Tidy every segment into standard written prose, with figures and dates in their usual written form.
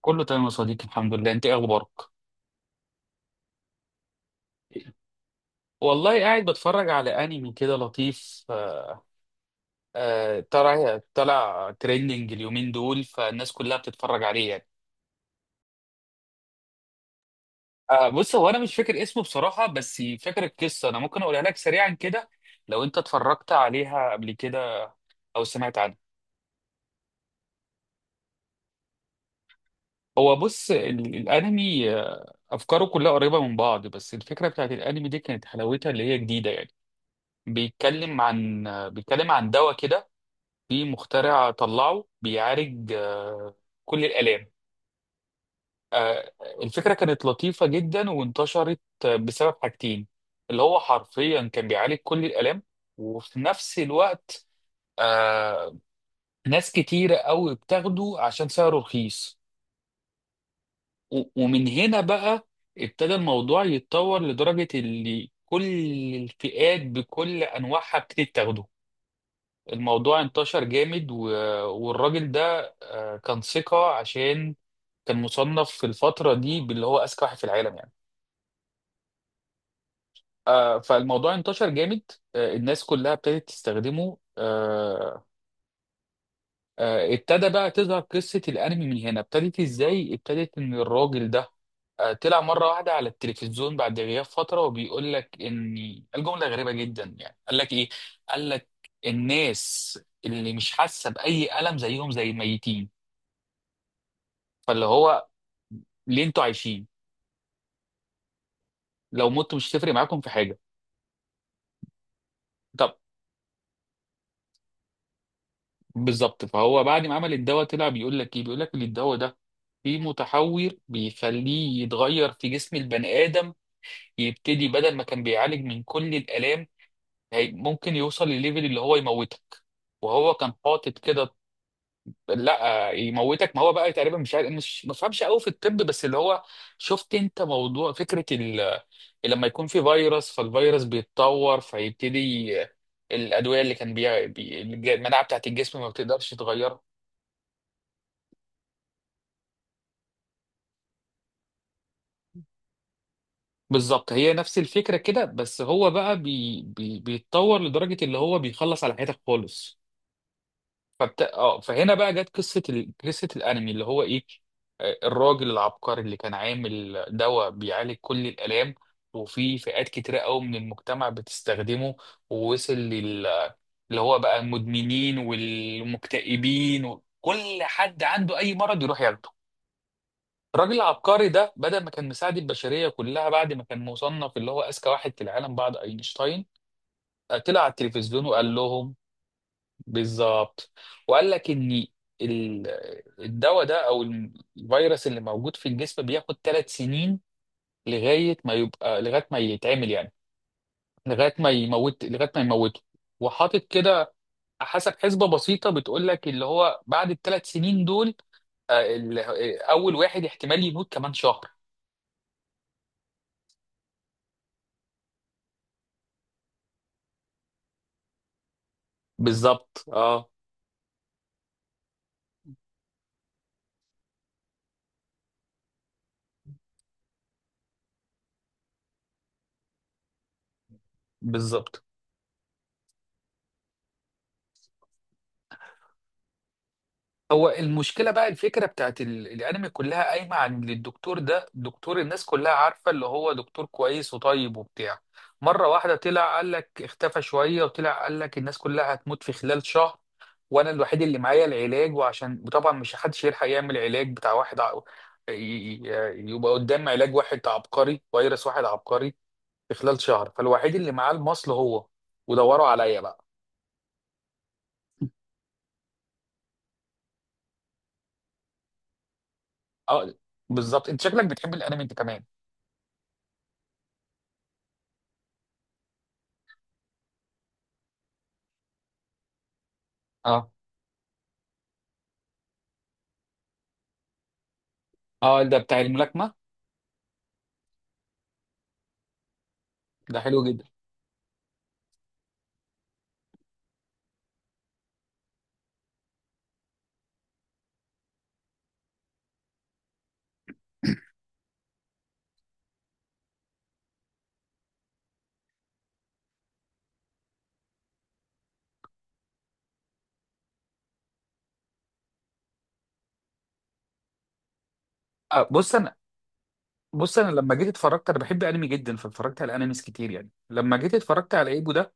كله تمام يا صديقي، الحمد لله. انت ايه اخبارك؟ والله قاعد بتفرج على انمي كده لطيف. طلع تريندنج اليومين دول، فالناس كلها بتتفرج عليه يعني. بص، هو انا مش فاكر اسمه بصراحة، بس فاكر القصة. انا ممكن اقولها لك سريعا كده لو انت اتفرجت عليها قبل كده او سمعت عنها. هو بص، الانمي افكاره كلها قريبة من بعض، بس الفكرة بتاعت الانمي دي كانت حلاوتها اللي هي جديدة يعني. بيتكلم عن دواء كده. في مخترع طلعه بيعالج كل الآلام. آه، الفكرة كانت لطيفة جدا وانتشرت بسبب حاجتين. اللي هو حرفيا كان بيعالج كل الآلام، وفي نفس الوقت آه، ناس كتيرة قوي بتاخده عشان سعره رخيص. ومن هنا بقى ابتدى الموضوع يتطور، لدرجة اللي كل الفئات بكل أنواعها بتبتدي تاخده. الموضوع انتشر جامد و... والراجل ده كان ثقة، عشان كان مصنف في الفترة دي باللي هو أذكى واحد في العالم يعني. فالموضوع انتشر جامد. الناس كلها ابتدت تستخدمه. ابتدى بقى تظهر قصة الأنمي. من هنا ابتدت إزاي؟ ابتدت إن الراجل ده طلع مرة واحدة على التلفزيون بعد غياب فترة، وبيقول لك إن الجملة غريبة جدا يعني. قال لك إيه؟ قال لك الناس اللي مش حاسة بأي ألم زيهم زي الميتين. فاللي هو ليه انتوا عايشين؟ لو متوا مش هتفرق معاكم في حاجه. طب بالظبط. فهو بعد ما عمل الدواء طلع بيقول لك ايه، بيقول لك ان الدواء ده فيه متحور بيخليه يتغير في جسم البني ادم. يبتدي بدل ما كان بيعالج من كل الالام، ممكن يوصل لليفل اللي هو يموتك. وهو كان حاطط كده. لا يموتك. ما هو بقى تقريبا مش عارف، مش ما فهمش قوي في الطب. بس اللي هو شفت انت لما يكون في فيروس، فالفيروس بيتطور، فيبتدي الادويه اللي كان المناعه بتاعت الجسم ما بتقدرش تغير. بالظبط، هي نفس الفكره كده. بس هو بقى بيتطور لدرجه اللي هو بيخلص على حياتك خالص. فبت... اه فهنا بقى جت قصه الانمي اللي هو ايه. الراجل العبقري اللي كان عامل دواء بيعالج كل الالام، وفي فئات كتيره قوي من المجتمع بتستخدمه، ووصل لل اللي هو بقى المدمنين والمكتئبين، وكل حد عنده اي مرض يروح ياخده. الراجل العبقري ده بدل ما كان مساعد البشريه كلها، بعد ما كان مصنف اللي هو اذكى واحد في العالم بعد اينشتاين، طلع على التلفزيون وقال لهم. بالظبط. وقال لك ان ال- الدواء ده او الفيروس اللي موجود في الجسم بياخد 3 سنين لغايه ما يبقى، لغايه ما يتعمل يعني، لغايه ما يموت، لغايه ما يموته. وحاطط كده حسب حسبه بسيطه، بتقول لك اللي هو بعد ال3 سنين دول اول واحد احتمال يموت كمان شهر. بالظبط اه بالظبط. هو المشكله بقى الفكره بتاعت الانمي كلها قايمه عن إن الدكتور ده دكتور. الناس كلها عارفه اللي هو دكتور كويس وطيب وبتاع. مره واحده طلع قال لك، اختفى شويه وطلع قال لك الناس كلها هتموت في خلال شهر، وانا الوحيد اللي معايا العلاج. وعشان، وطبعا مش حدش يلحق يعمل علاج بتاع واحد يبقى قدام علاج واحد عبقري، فيروس واحد عبقري في خلال شهر، فالوحيد اللي معاه المصل هو. ودوروا عليا بقى. اه بالظبط، انت شكلك بتحب الانمي انت كمان. اه. اه، ده بتاع الملاكمه. ده حلو جدا. آه، بص انا لما جيت اتفرجت، انا بحب انمي جدا، فاتفرجت على انميز كتير يعني. لما جيت اتفرجت على ايبو ده،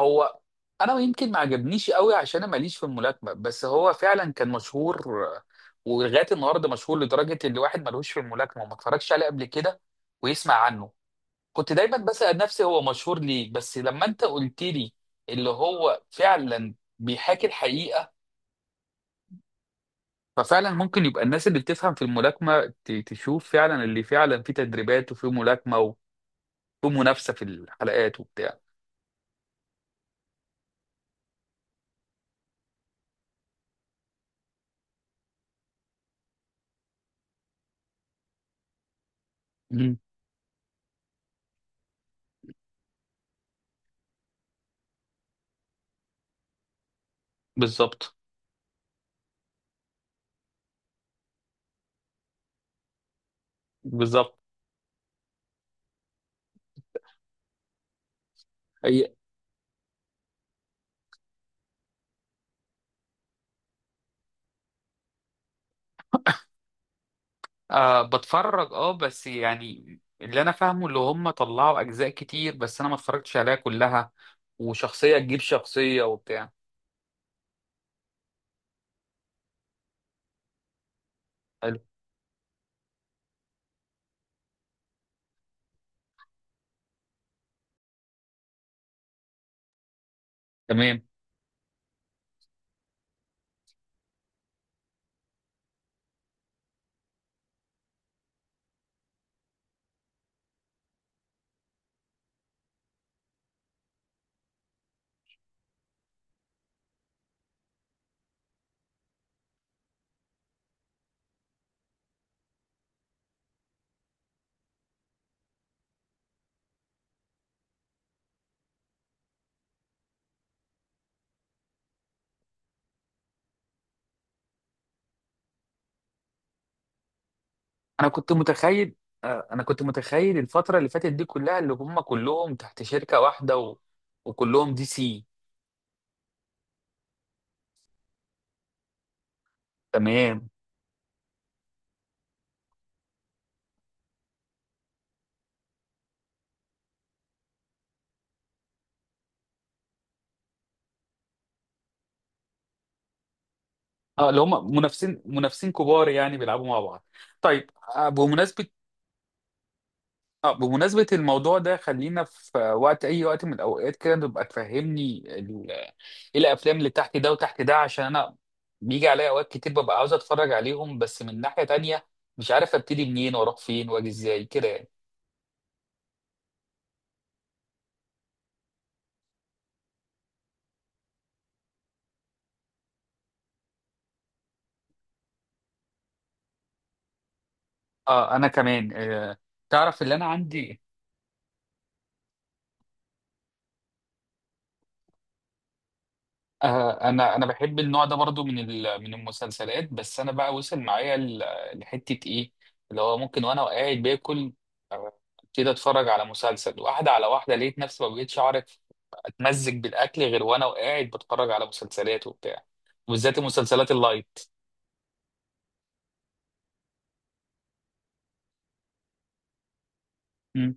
هو انا يمكن ما عجبنيش قوي عشان انا ماليش في الملاكمه. بس هو فعلا كان مشهور. ولغايه النهارده مشهور، لدرجه ان الواحد ملوش في الملاكمه وما اتفرجش عليه قبل كده ويسمع عنه. كنت دايما بسأل نفسي هو مشهور ليه، بس لما انت قلت لي اللي هو فعلا بيحاكي الحقيقه، ففعلا ممكن يبقى الناس اللي بتفهم في الملاكمة تشوف فعلا اللي فعلا فيه تدريبات، وفيه ملاكمة، وفيه منافسة في الحلقات وبتاع. مم. بالظبط. بالظبط. هي أه بتفرج. اه بس يعني اللي انا فاهمه اللي هم طلعوا اجزاء كتير، بس انا ما اتفرجتش عليها كلها. وشخصية تجيب شخصية وبتاع. حلو. تمام. انا كنت متخيل انا كنت متخيل الفترة اللي فاتت دي كلها اللي هم كلهم تحت شركة واحدة و... وكلهم دي سي. تمام. اه، اللي هم منافسين، منافسين كبار، يعني بيلعبوا مع بعض. طيب. بمناسبة الموضوع ده، خلينا في وقت، أي وقت من الأوقات كده، تبقى تفهمني إيه الأفلام اللي تحت ده وتحت ده، عشان أنا بيجي عليا أوقات كتير ببقى عاوز أتفرج عليهم، بس من ناحية تانية مش عارف أبتدي منين وأروح فين وأجي إزاي كده يعني. اه، أنا كمان. آه، تعرف اللي أنا عندي. انا بحب النوع ده برضو من من المسلسلات. بس انا بقى وصل معايا لحته ايه، اللي هو ممكن وانا قاعد باكل آه، ابتدي اتفرج على مسلسل واحده على واحده، لقيت نفسي ما بقتش اعرف اتمزج بالاكل غير وانا وقاعد بتفرج على مسلسلات وبتاع. وبالذات المسلسلات اللايت. مم.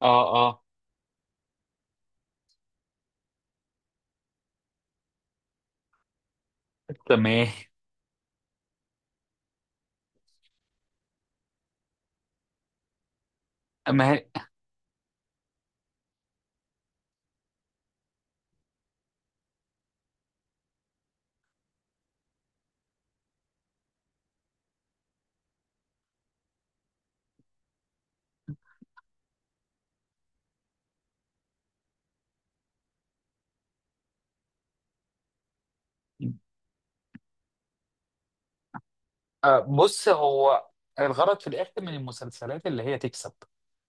اه. اه. تمام. ما هي- آه، بص، هو الغرض في الاخر من المسلسلات اللي هي تكسب،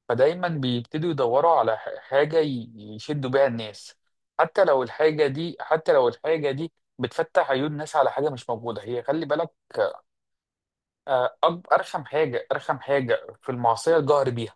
فدايما بيبتدوا يدوروا على حاجة يشدوا بيها الناس، حتى لو الحاجة دي، بتفتح عيون الناس على حاجة مش موجودة. هي خلي بالك، أرخم حاجة في المعصية الجهر بيها.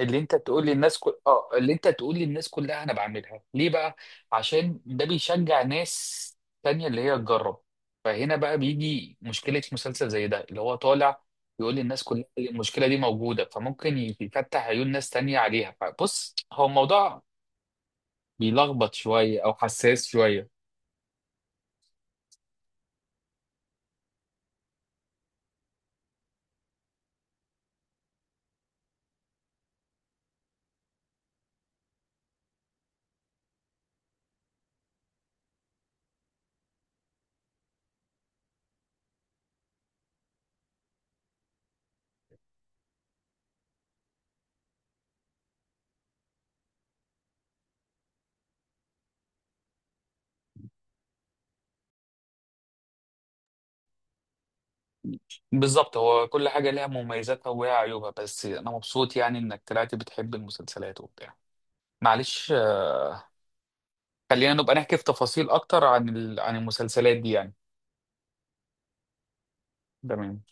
اللي انت تقول لي الناس كلها انا بعملها ليه بقى؟ عشان ده بيشجع ناس تانية اللي هي تجرب. فهنا بقى بيجي مشكلة مسلسل زي ده اللي هو طالع يقول للناس كلها اللي المشكلة دي موجودة، فممكن يفتح عيون ناس تانية عليها. فبص، هو الموضوع بيلخبط شوية او حساس شوية. بالظبط، هو كل حاجة ليها مميزاتها وليها عيوبها. بس انا مبسوط يعني انك طلعت بتحب المسلسلات وبتاع. معلش، خلينا نبقى نحكي في تفاصيل اكتر عن ال... عن المسلسلات دي يعني. تمام.